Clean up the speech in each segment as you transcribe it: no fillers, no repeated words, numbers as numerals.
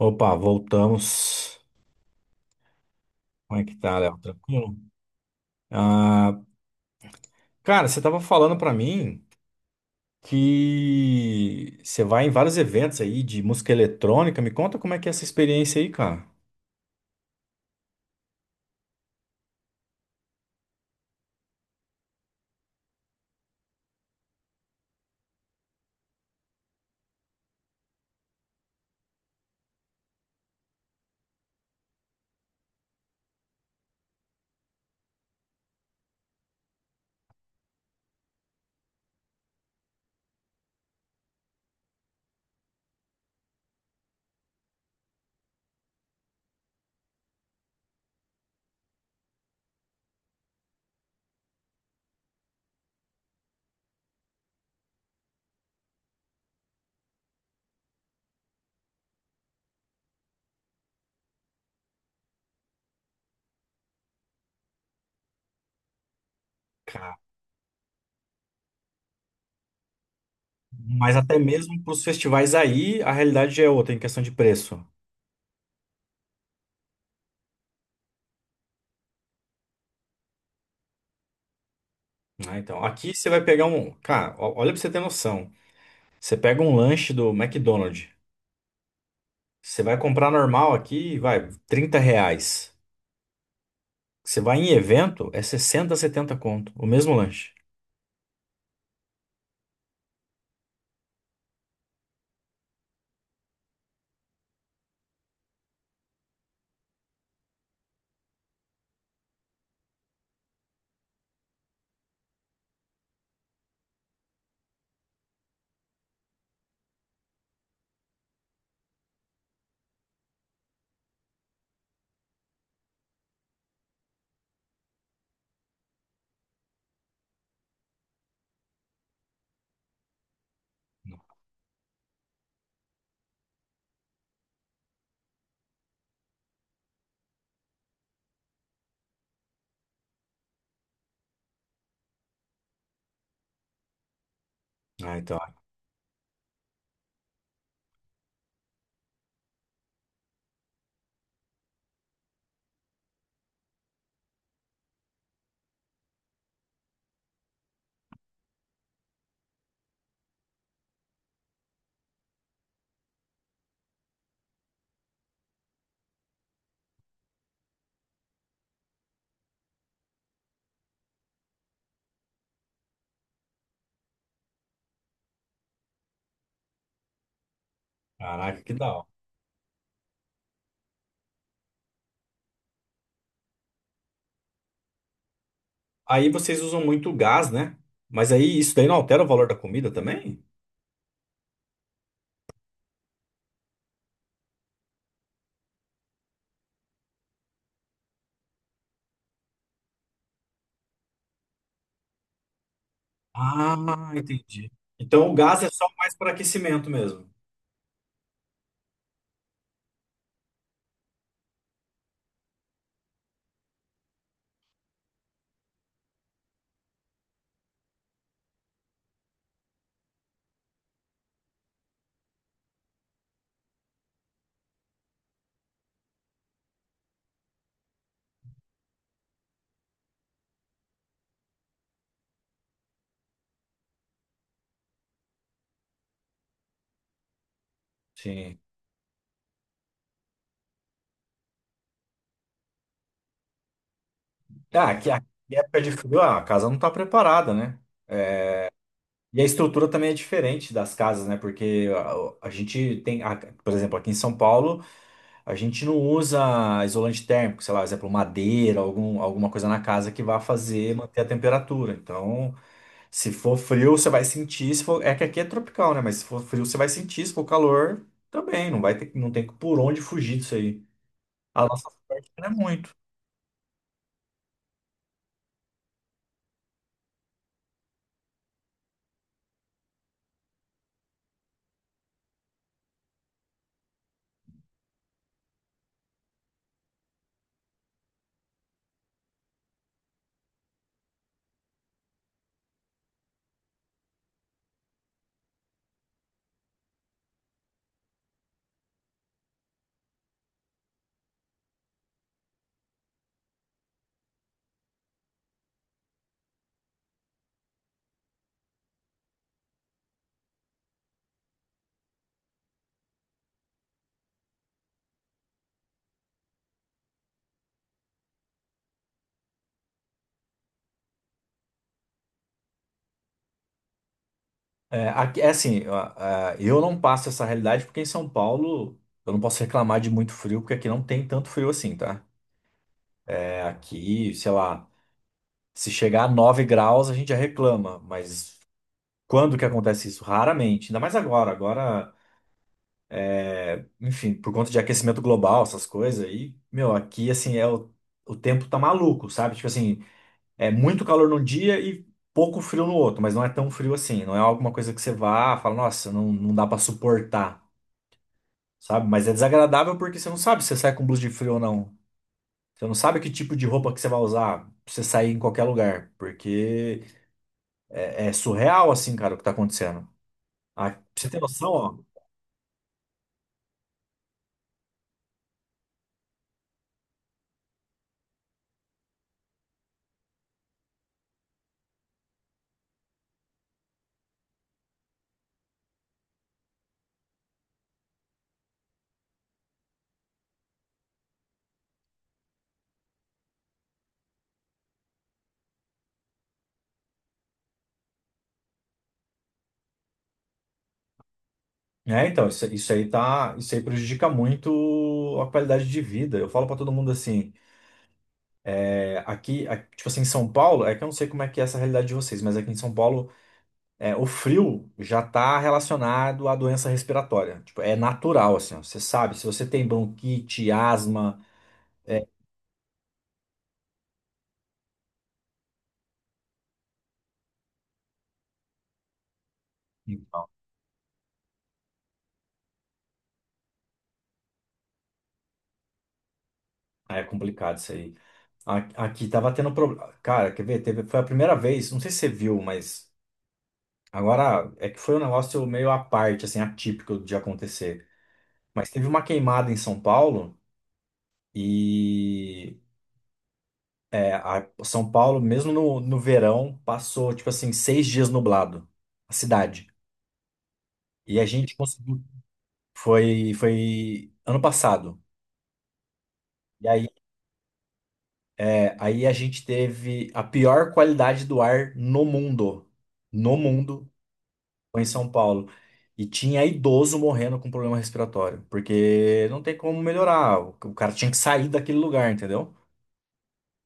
Opa, voltamos. Como é que tá, Léo? Tranquilo? Ah, cara, você tava falando pra mim que você vai em vários eventos aí de música eletrônica. Me conta como é que é essa experiência aí, cara. Cara, mas até mesmo pros festivais aí, a realidade já é outra em questão de preço, né? Então, aqui você vai pegar um, cara, olha pra você ter noção. Você pega um lanche do McDonald's, você vai comprar normal aqui, vai, 30 reais. Você vai em evento, é 60, 70 conto, o mesmo lanche. Ah, então, caraca, que da hora. Aí vocês usam muito gás, né? Mas aí isso daí não altera o valor da comida também? Ah, entendi. Então o gás é só mais para aquecimento mesmo. Sim. Ah, aqui, aqui em época de frio, ah, a casa não está preparada, né? E a estrutura também é diferente das casas, né? Porque a gente tem, por exemplo, aqui em São Paulo, a gente não usa isolante térmico, sei lá, por exemplo, madeira, algum, alguma coisa na casa que vá fazer manter a temperatura. Então, se for frio, você vai sentir. Se for... É que aqui é tropical, né? Mas se for frio, você vai sentir. Se for calor, também. Não vai ter, não tem por onde fugir disso aí. A nossa sorte não é muito. É, aqui, é assim, eu não passo essa realidade porque em São Paulo eu não posso reclamar de muito frio, porque aqui não tem tanto frio assim, tá? É, aqui, sei lá, se chegar a 9 graus a gente já reclama, mas quando que acontece isso? Raramente. Ainda mais agora. Agora, enfim, por conta de aquecimento global, essas coisas, e, meu, aqui, assim, o tempo tá maluco, sabe? Tipo assim, é muito calor num dia e pouco frio no outro, mas não é tão frio assim, não é alguma coisa que você vá, fala, nossa, não, não dá pra suportar, sabe? Mas é desagradável porque você não sabe se você sai com blusa de frio ou não. Você não sabe que tipo de roupa que você vai usar pra você sair em qualquer lugar, porque é, é surreal, assim, cara, o que tá acontecendo. Ah, pra você ter noção, ó. É, então, isso aí tá, isso aí prejudica muito a qualidade de vida. Eu falo pra todo mundo assim, é, aqui, tipo assim, em São Paulo, é que eu não sei como é que é essa realidade de vocês, mas aqui em São Paulo, é, o frio já tá relacionado à doença respiratória. Tipo, é natural, assim, ó, você sabe, se você tem bronquite, asma, então, é complicado isso aí. A- Aqui tava tendo problema. Cara, quer ver? Teve, foi a primeira vez, não sei se você viu, mas agora é que foi um negócio meio à parte, assim, atípico de acontecer. Mas teve uma queimada em São Paulo e é, São Paulo, mesmo no verão, passou tipo assim 6 dias nublado, a cidade. E a gente conseguiu. Foi, foi ano passado. E aí, é, aí a gente teve a pior qualidade do ar no mundo. No mundo, foi em São Paulo. E tinha idoso morrendo com problema respiratório, porque não tem como melhorar. O cara tinha que sair daquele lugar, entendeu?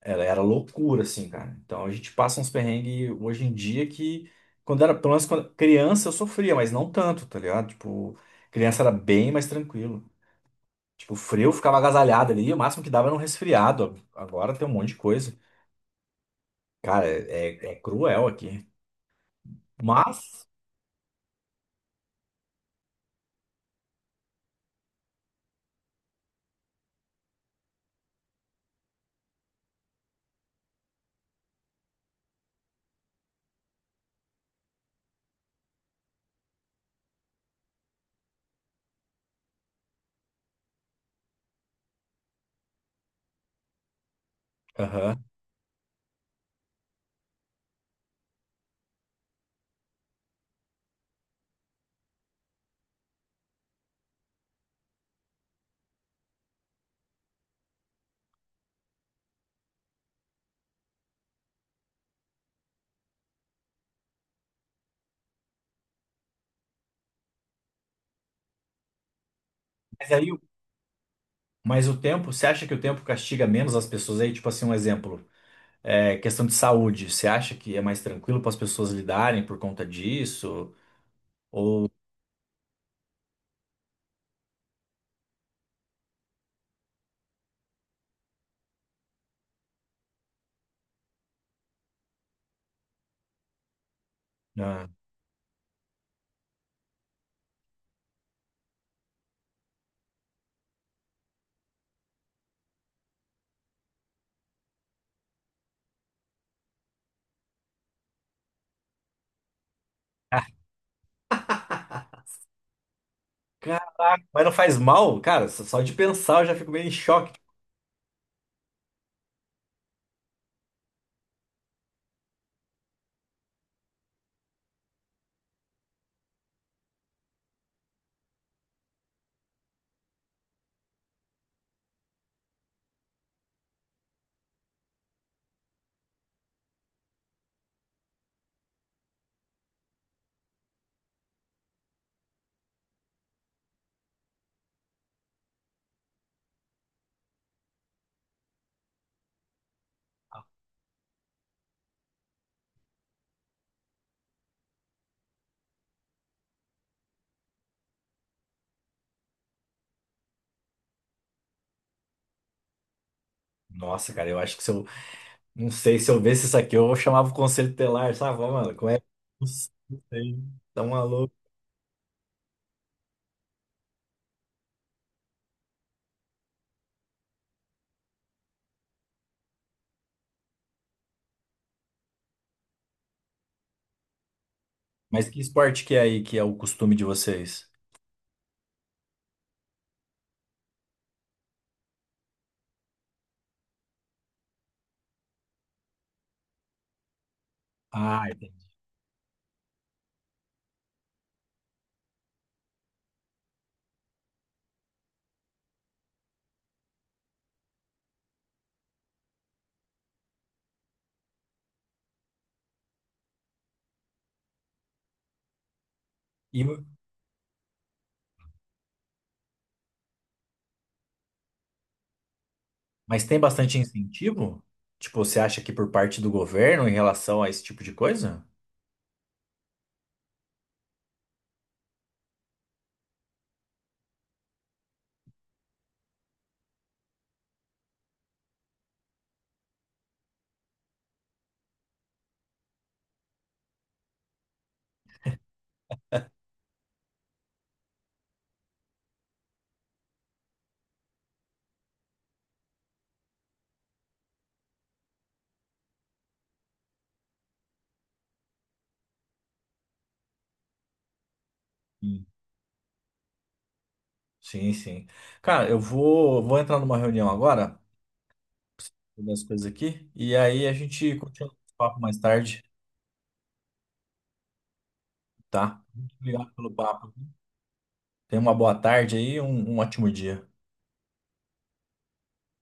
Ela era loucura, assim, cara. Então a gente passa uns perrengues hoje em dia que, quando era, pelo menos quando criança, eu sofria, mas não tanto, tá ligado? Tipo, criança era bem mais tranquilo. Tipo, frio eu ficava agasalhado ali, o máximo que dava era um resfriado. Agora tem um monte de coisa. Cara, é, é cruel aqui. Mas, aham. Mas aí, mas o tempo, você acha que o tempo castiga menos as pessoas aí? Tipo assim, um exemplo. É, questão de saúde, você acha que é mais tranquilo para as pessoas lidarem por conta disso? Ah. Caraca, mas não faz mal? Cara, só de pensar eu já fico meio em choque. Nossa, cara, eu acho que se eu. Não sei, se eu visse isso aqui, eu chamava o conselho telar, sabe? Ó, mano, como é? Não sei, tá maluco. Mas que esporte que é aí que é o costume de vocês? Ah, entendi. E, mas tem bastante incentivo? Tipo, você acha que por parte do governo em relação a esse tipo de coisa? Sim, sim, sim. Cara, eu vou, vou entrar numa reunião agora, fazer as coisas aqui, e aí a gente continua o papo mais tarde. Tá? Muito obrigado pelo papo. Tenha uma boa tarde aí e um ótimo dia.